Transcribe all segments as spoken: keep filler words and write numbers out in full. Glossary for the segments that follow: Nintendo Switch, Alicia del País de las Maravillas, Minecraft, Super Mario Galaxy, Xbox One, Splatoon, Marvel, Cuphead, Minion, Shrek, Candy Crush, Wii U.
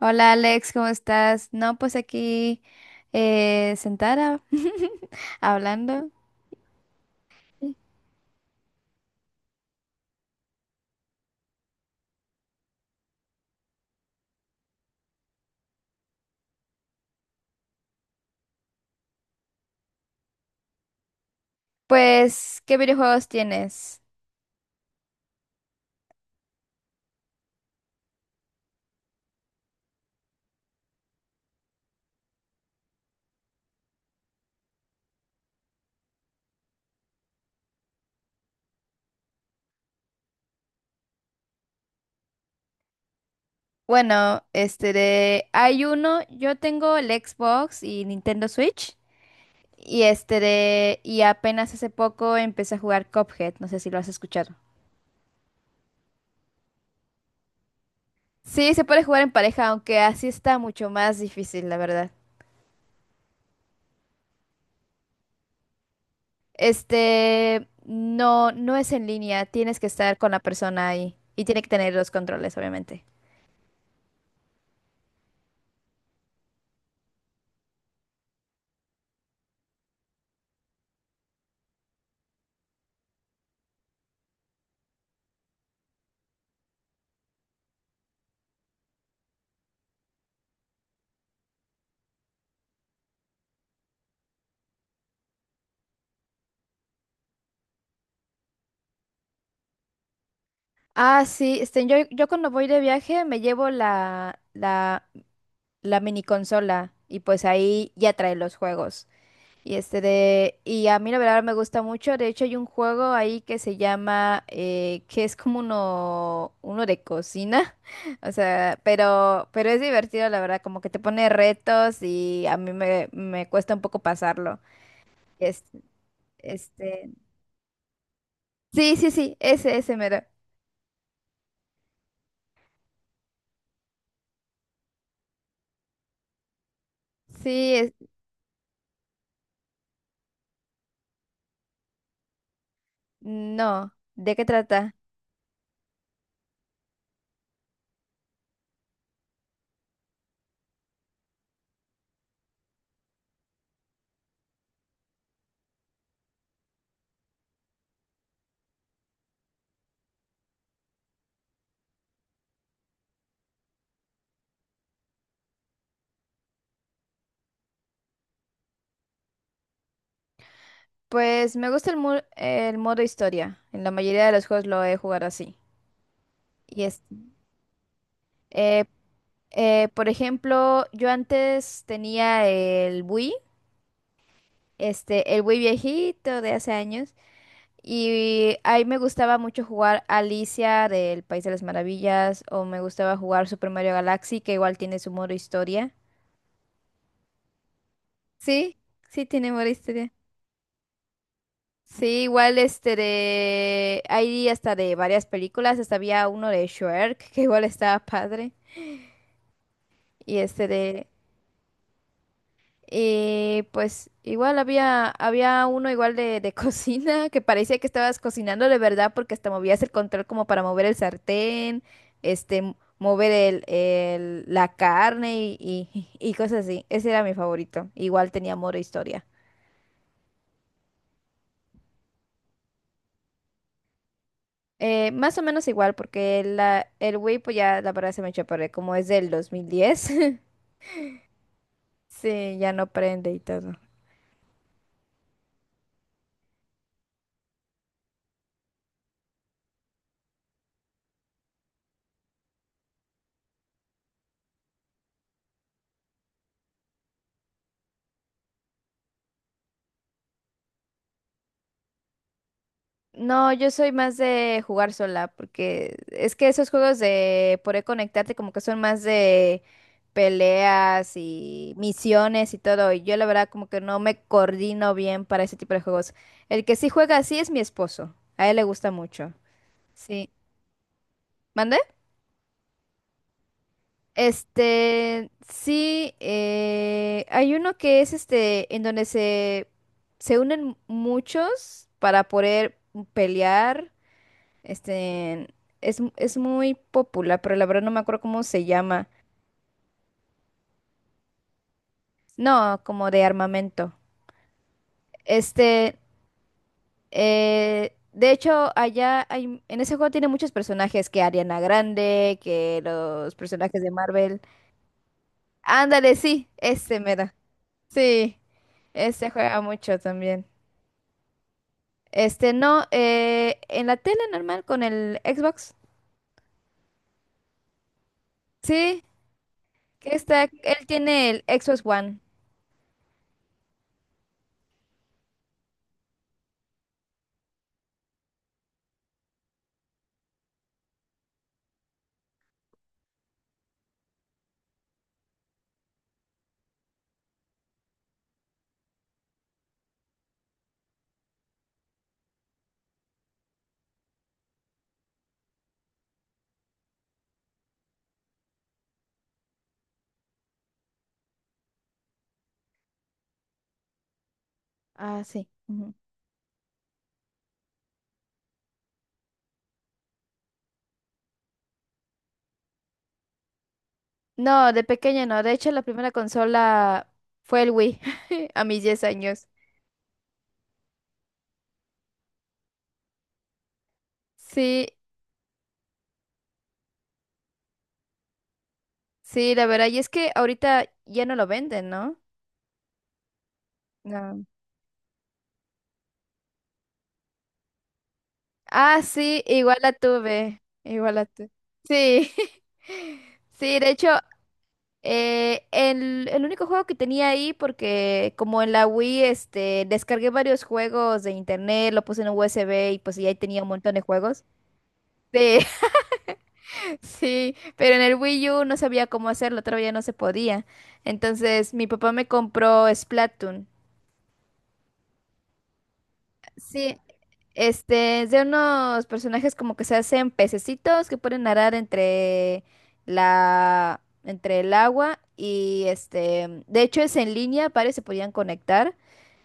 Hola Alex, ¿cómo estás? No, pues aquí eh, sentada hablando. Pues, ¿qué videojuegos tienes? Bueno, este de hay uno, yo tengo el Xbox y Nintendo Switch y este de y apenas hace poco empecé a jugar Cuphead, no sé si lo has escuchado. Sí, se puede jugar en pareja, aunque así está mucho más difícil, la verdad. Este, no, no es en línea, tienes que estar con la persona ahí y tiene que tener los controles, obviamente. Ah, sí, este, yo, yo cuando voy de viaje me llevo la, la, la mini consola y pues ahí ya trae los juegos. Y este de, y a mí la verdad me gusta mucho. De hecho, hay un juego ahí que se llama, eh, que es como uno, uno de cocina. O sea, pero, pero es divertido, la verdad, como que te pone retos y a mí me, me cuesta un poco pasarlo. Este, este, sí, sí, sí, ese, ese mero. Sí, es, no, ¿de qué trata? Pues me gusta el, mu- eh, el modo historia. En la mayoría de los juegos lo he jugado así. Y es, eh, eh, por ejemplo, yo antes tenía el Wii, este, el Wii viejito de hace años. Y ahí me gustaba mucho jugar Alicia del País de las Maravillas. O me gustaba jugar Super Mario Galaxy, que igual tiene su modo historia. Sí, sí tiene modo historia. Sí, igual este de... Hay hasta de varias películas, hasta había uno de Shrek, que igual estaba padre, y este de... Y pues igual había, había uno igual de, de cocina, que parecía que estabas cocinando de verdad porque hasta movías el control como para mover el sartén, este, mover el, el- la carne y, y, y cosas así. Ese era mi favorito. Igual tenía modo historia. Eh, más o menos igual, porque la, el Wii, pues ya la verdad se me echó a perder, como es del dos mil diez. Sí, ya no prende y todo. No, yo soy más de jugar sola, porque es que esos juegos de poder conectarte como que son más de peleas y misiones y todo. Y yo la verdad como que no me coordino bien para ese tipo de juegos. El que sí juega así es mi esposo. A él le gusta mucho. Sí. ¿Mande? Este, sí, eh, hay uno que es este, en donde se, se unen muchos para poder pelear. Este, es, es muy popular, pero la verdad no me acuerdo cómo se llama. No, como de armamento. Este, eh, de hecho, allá hay, en ese juego tiene muchos personajes, que Ariana Grande, que los personajes de Marvel. Ándale, sí, este mero. Sí, este juega mucho también. Este, no, eh, en la tele normal con el Xbox. Sí, que está, él tiene el Xbox One. Ah, sí. Ujú. No, de pequeña no. De hecho, la primera consola fue el Wii, a mis diez años. Sí, sí, la verdad. Y es que ahorita ya no lo venden, ¿no? No. Ah, sí, igual la tuve. Igual la tuve. Sí. Sí, de hecho. Eh, el, el único juego que tenía ahí, porque como en la Wii, este, descargué varios juegos de internet, lo puse en un U S B y pues ya ahí tenía un montón de juegos. Sí, sí, pero en el Wii U no sabía cómo hacerlo, todavía no se podía. Entonces mi papá me compró Splatoon. Sí, este, es de unos personajes como que se hacen pececitos que pueden nadar entre la, entre el agua y este, de hecho es en línea, varios se podían conectar.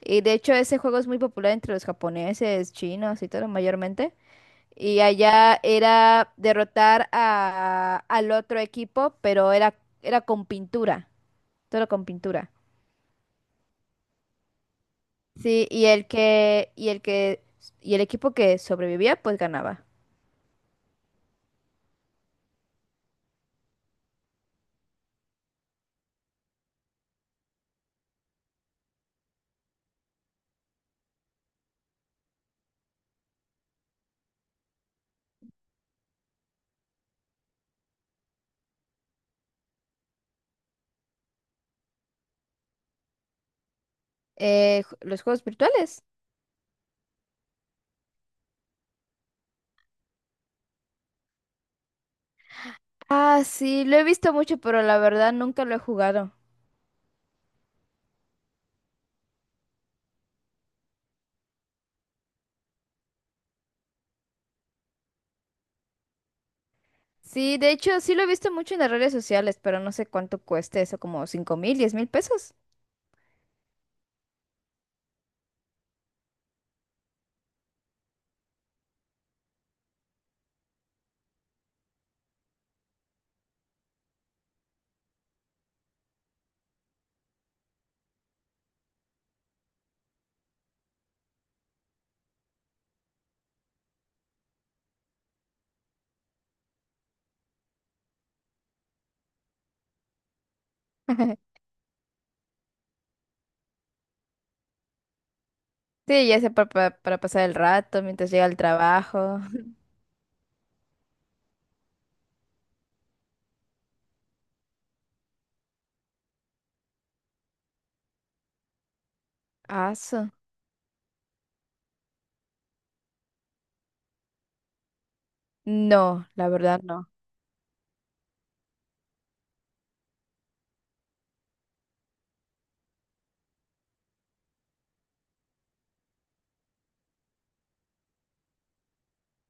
Y de hecho ese juego es muy popular entre los japoneses, chinos y todo mayormente. Y allá era derrotar a, al otro equipo, pero era, era con pintura, todo con pintura. Sí, y el que, y el que, y el equipo que sobrevivía, pues ganaba. Eh, ju- los juegos virtuales. Ah, sí, lo he visto mucho, pero la verdad nunca lo he jugado. Sí, de hecho sí lo he visto mucho en las redes sociales, pero no sé cuánto cueste eso, como cinco mil, diez mil pesos. Sí, ya sea pa- pa- para, pasar el rato mientras llega al trabajo. Aso. No, la verdad no.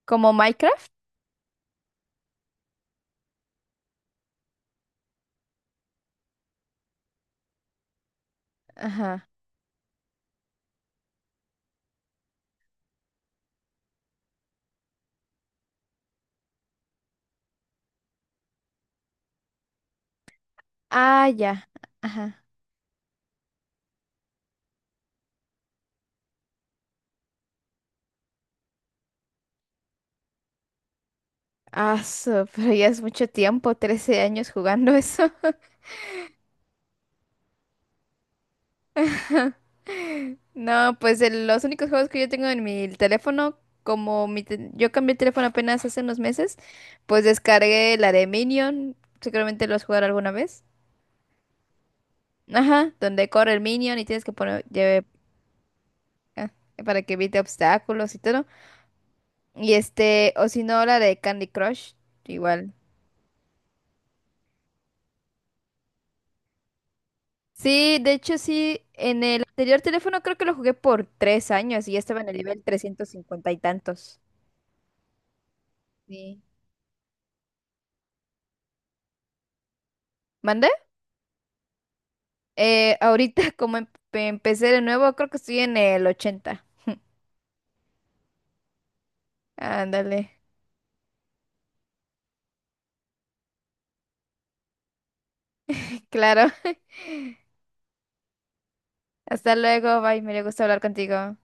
¿Como Minecraft? Ajá. Ah, ya. Ajá. Aso, pero ya es mucho tiempo, trece años jugando eso. No, pues el- los únicos juegos que yo tengo en mi teléfono, como mi te- yo cambié el teléfono apenas hace unos meses, pues descargué la de Minion. Seguramente lo has jugado alguna vez. Ajá, donde corre el minion y tienes que poner, lleve, ah, para que evite obstáculos y todo. Y este, o si no, la de Candy Crush, igual. Sí, de hecho sí, en el anterior teléfono creo que lo jugué por tres años y ya estaba en el nivel trescientos cincuenta y tantos. Sí. ¿Mandé? Eh, ahorita como em- empecé de nuevo, creo que estoy en el ochenta. Ándale, claro. Hasta luego, bye, me gustó hablar contigo.